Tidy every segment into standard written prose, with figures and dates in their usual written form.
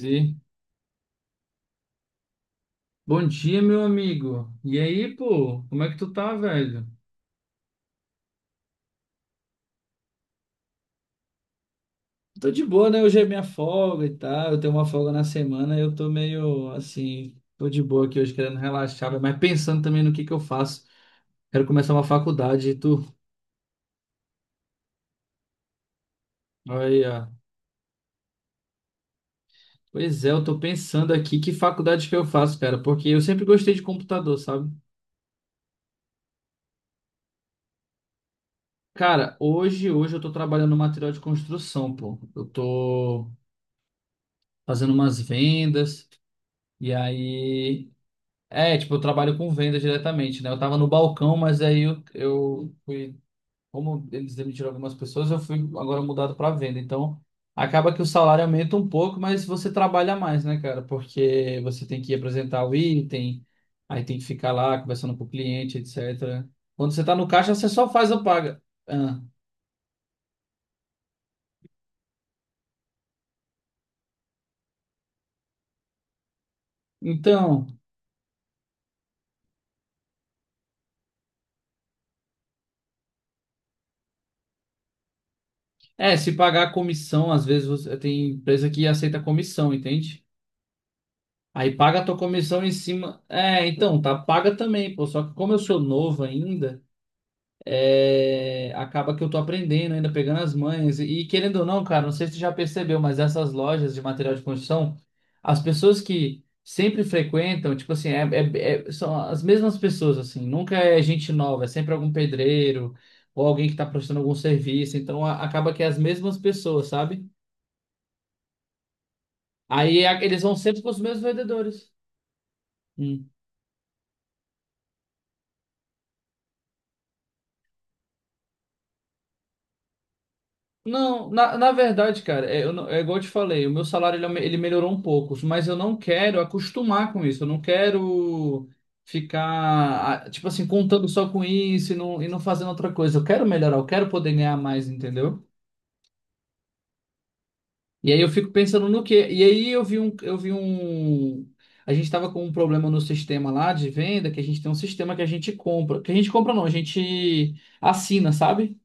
E- Bom dia, meu amigo. E aí, pô, como é que tu tá, velho? Tô de boa, né? Hoje é minha folga e tal. Eu tenho uma folga na semana e eu tô meio assim, tô de boa aqui hoje, querendo relaxar, velho, mas pensando também no que eu faço. Quero começar uma faculdade e tu. Olha. Pois é, eu tô pensando aqui que faculdade que eu faço, cara, porque eu sempre gostei de computador, sabe? Cara, hoje eu tô trabalhando no material de construção, pô. Eu tô fazendo umas vendas e aí. É, tipo, eu trabalho com venda diretamente, né? Eu tava no balcão, mas aí eu fui, como eles demitiram algumas pessoas, eu fui agora mudado para venda. Então, acaba que o salário aumenta um pouco, mas você trabalha mais, né, cara? Porque você tem que apresentar o item, aí tem que ficar lá conversando com o cliente, etc. Quando você tá no caixa, você só faz a paga. Ah, então, é, se pagar a comissão, às vezes você, tem empresa que aceita comissão, entende? Aí paga a tua comissão em cima. É, então, tá paga também, pô. Só que como eu sou novo ainda, é, acaba que eu tô aprendendo ainda, pegando as manhas. E querendo ou não, cara, não sei se tu já percebeu, mas essas lojas de material de construção, as pessoas que sempre frequentam, tipo assim, são as mesmas pessoas, assim. Nunca é gente nova, é sempre algum pedreiro ou alguém que tá prestando algum serviço. Então acaba que é as mesmas pessoas, sabe? Aí eles vão sempre com os mesmos vendedores. Hum. Não, na verdade, cara, é, eu não- é igual eu te falei, o meu salário ele melhorou um pouco, mas eu não quero acostumar com isso, eu não quero ficar, ah, tipo assim, contando só com isso e não fazendo outra coisa. Eu quero melhorar, eu quero poder ganhar mais, entendeu? E aí eu fico pensando no quê? E aí a gente tava com um problema no sistema lá de venda, que a gente tem um sistema que a gente compra, que a gente compra não, a gente assina, sabe?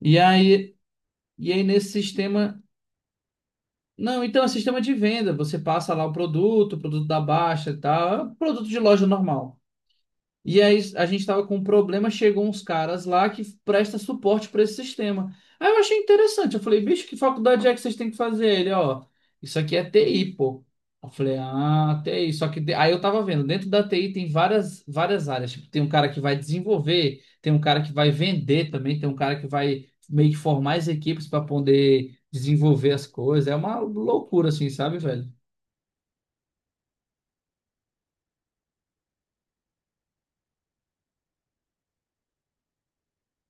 E aí, e aí nesse sistema. Não, então é sistema de venda. Você passa lá o produto da baixa e tal. É um produto de loja normal. E aí a gente tava com um problema, chegou uns caras lá que presta suporte para esse sistema. Aí eu achei interessante, eu falei, bicho, que faculdade é que vocês têm que fazer? Ele, ó, isso aqui é TI, pô. Eu falei, ah, TI, só que aí eu tava vendo, dentro da TI tem várias, várias áreas, tipo, tem um cara que vai desenvolver, tem um cara que vai vender também, tem um cara que vai meio que formar as equipes para poder desenvolver as coisas. É uma loucura assim, sabe, velho?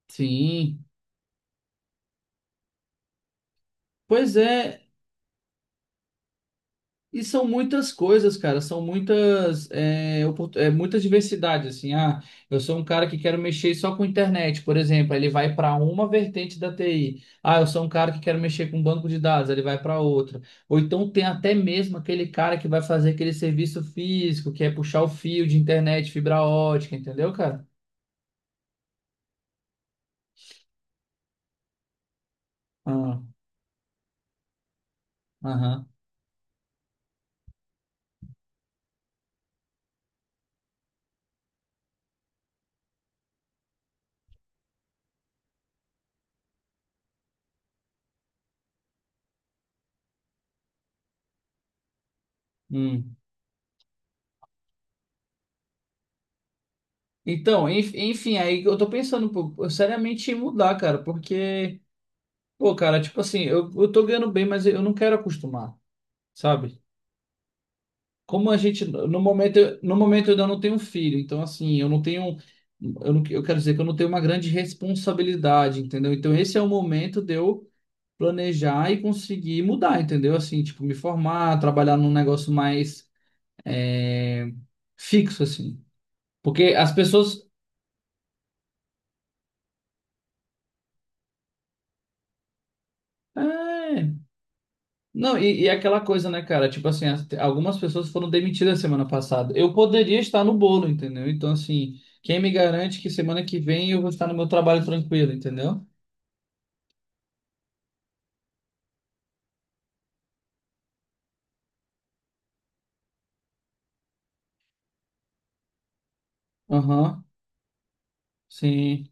Sim. Pois é, e são muitas coisas, cara, são muitas, muita diversidade, assim, ah, eu sou um cara que quero mexer só com internet, por exemplo, aí ele vai para uma vertente da TI, ah, eu sou um cara que quero mexer com banco de dados, aí ele vai para outra, ou então tem até mesmo aquele cara que vai fazer aquele serviço físico, que é puxar o fio de internet, fibra ótica, entendeu, cara? Ah, aham, hum. Então, enfim, aí eu tô pensando, pô, eu seriamente em mudar, cara, porque... Pô, cara, tipo assim, eu tô ganhando bem, mas eu não quero acostumar, sabe? Como a gente, no momento eu ainda não tenho filho, então assim, eu não tenho, eu, não, eu quero dizer que eu não tenho uma grande responsabilidade, entendeu? Então esse é o momento de eu planejar e conseguir mudar, entendeu? Assim, tipo, me formar, trabalhar num negócio mais é, fixo, assim. Porque as pessoas. É. Não, e aquela coisa, né, cara? Tipo assim, algumas pessoas foram demitidas semana passada. Eu poderia estar no bolo, entendeu? Então, assim, quem me garante que semana que vem eu vou estar no meu trabalho tranquilo, entendeu? Aham, sim.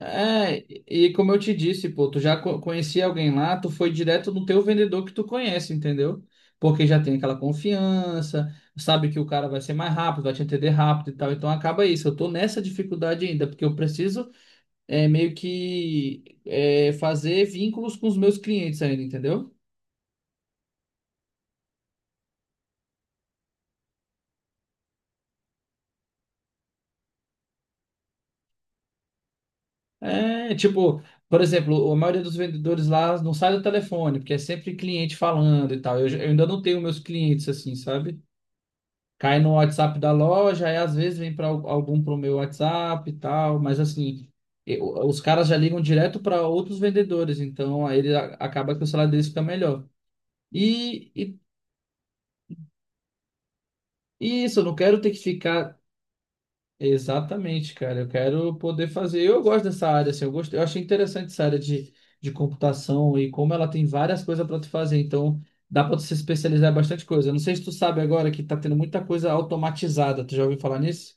É, e como eu te disse, pô, tu já conhecia alguém lá, tu foi direto no teu vendedor que tu conhece, entendeu? Porque já tem aquela confiança, sabe que o cara vai ser mais rápido, vai te entender rápido e tal. Então acaba isso. Eu tô nessa dificuldade ainda, porque eu preciso é, meio que é, fazer vínculos com os meus clientes ainda, entendeu? É, tipo, por exemplo, a maioria dos vendedores lá não sai do telefone, porque é sempre cliente falando e tal. Eu ainda não tenho meus clientes assim, sabe? Cai no WhatsApp da loja, e às vezes vem para algum pro meu WhatsApp e tal, mas assim, os caras já ligam direto para outros vendedores, então aí ele acaba que o salário deles fica melhor. E, e, e isso, eu não quero ter que ficar. Exatamente, cara. Eu quero poder fazer. Eu gosto dessa área, assim, eu gosto, eu achei interessante essa área de computação e como ela tem várias coisas para tu fazer. Então, dá para tu se especializar em bastante coisa. Eu não sei se tu sabe agora que tá tendo muita coisa automatizada. Tu já ouviu falar nisso?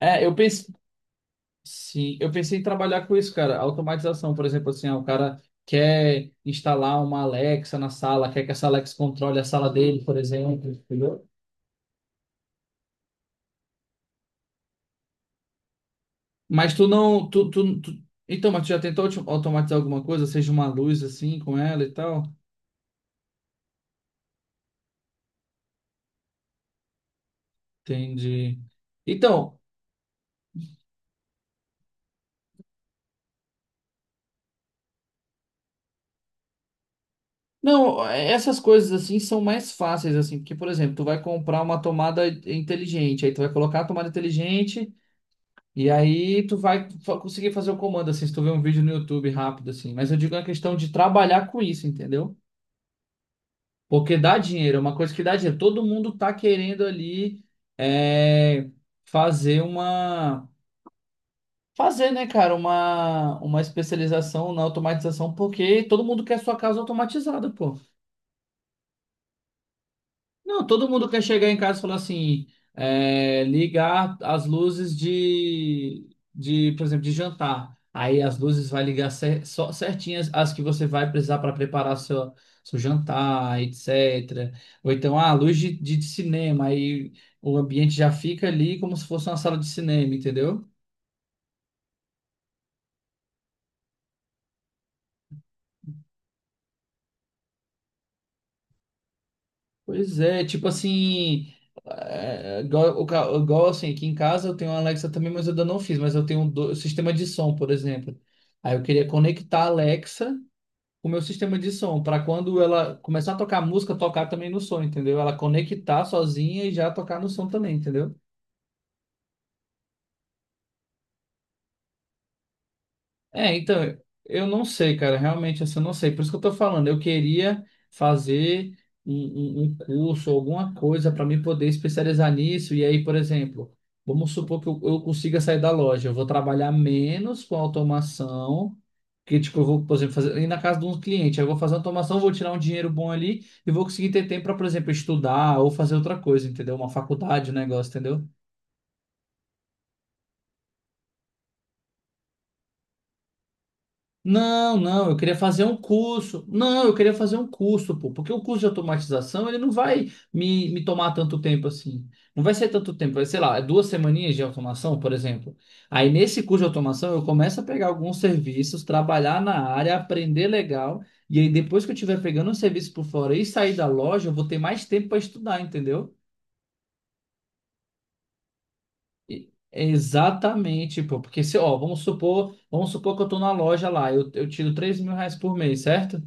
É, eu pensei, sim, eu pensei em trabalhar com isso, cara. Automatização, por exemplo, assim, ah, o cara quer instalar uma Alexa na sala, quer que essa Alexa controle a sala dele, por exemplo, entendeu? Mas tu não. Então, mas tu já tentou automatizar alguma coisa, seja uma luz assim com ela e tal? Entendi. Então, não, é, essas coisas assim são mais fáceis, assim, porque, por exemplo, tu vai comprar uma tomada inteligente, aí tu vai colocar a tomada inteligente e aí tu vai conseguir fazer o comando, assim, se tu ver um vídeo no YouTube rápido, assim. Mas eu digo a questão de trabalhar com isso, entendeu? Porque dá dinheiro, é uma coisa que dá dinheiro. Todo mundo tá querendo ali é, fazer uma. Fazer, né, cara, uma especialização na automatização, porque todo mundo quer sua casa automatizada, pô. Não, todo mundo quer chegar em casa e falar assim, é, ligar as luzes por exemplo, de jantar. Aí as luzes vai ligar só certinhas as que você vai precisar para preparar seu jantar, etc. Ou então, ah, luz de cinema, aí o ambiente já fica ali como se fosse uma sala de cinema, entendeu? Pois é, tipo assim, igual, igual assim, aqui em casa eu tenho a Alexa também, mas eu ainda não fiz, mas eu tenho um sistema de som, por exemplo. Aí eu queria conectar a Alexa com o meu sistema de som, para quando ela começar a tocar música, tocar também no som, entendeu? Ela conectar sozinha e já tocar no som também, entendeu? É, então, eu não sei, cara, realmente assim, eu não sei. Por isso que eu tô falando, eu queria fazer um, um curso, alguma coisa para mim poder especializar nisso. E aí, por exemplo, vamos supor que eu consiga sair da loja, eu vou trabalhar menos com automação, que tipo, eu vou, por exemplo, fazer, ir na casa de um cliente, aí eu vou fazer automação, vou tirar um dinheiro bom ali e vou conseguir ter tempo para, por exemplo, estudar ou fazer outra coisa, entendeu? Uma faculdade, um negócio, entendeu? Não, não, eu queria fazer um curso. Não, eu queria fazer um curso, pô, porque o curso de automatização, ele não vai me tomar tanto tempo assim. Não vai ser tanto tempo, vai, sei lá, 2 semaninhas de automação, por exemplo. Aí nesse curso de automação, eu começo a pegar alguns serviços, trabalhar na área, aprender legal, e aí depois que eu estiver pegando um serviço por fora e sair da loja, eu vou ter mais tempo para estudar, entendeu? Exatamente, pô, porque se, ó, vamos supor que eu tô na loja lá, eu tiro R$ 3.000 por mês, certo?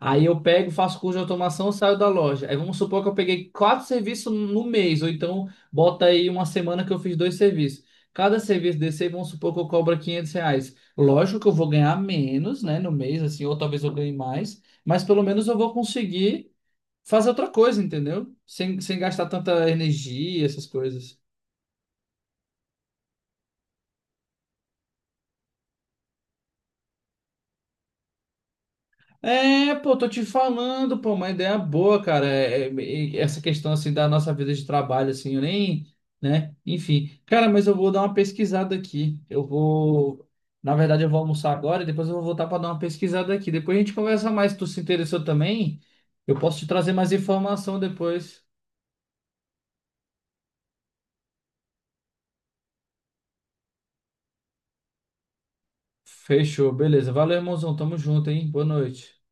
Aí eu pego, faço curso de automação, saio da loja. Aí vamos supor que eu peguei quatro serviços no mês, ou então bota aí uma semana que eu fiz dois serviços. Cada serviço desse, aí, vamos supor que eu cobro R$ 500. Lógico que eu vou ganhar menos, né, no mês, assim, ou talvez eu ganhe mais, mas pelo menos eu vou conseguir fazer outra coisa, entendeu? Sem gastar tanta energia, essas coisas. É, pô, tô te falando, pô, uma ideia boa, cara. E essa questão assim da nossa vida de trabalho, assim, eu nem, né? Enfim, cara, mas eu vou dar uma pesquisada aqui. Eu vou, na verdade, eu vou almoçar agora e depois eu vou voltar pra dar uma pesquisada aqui. Depois a gente conversa mais. Se tu se interessou também, eu posso te trazer mais informação depois. Fechou, beleza. Valeu, irmãozão. Tamo junto, hein? Boa noite.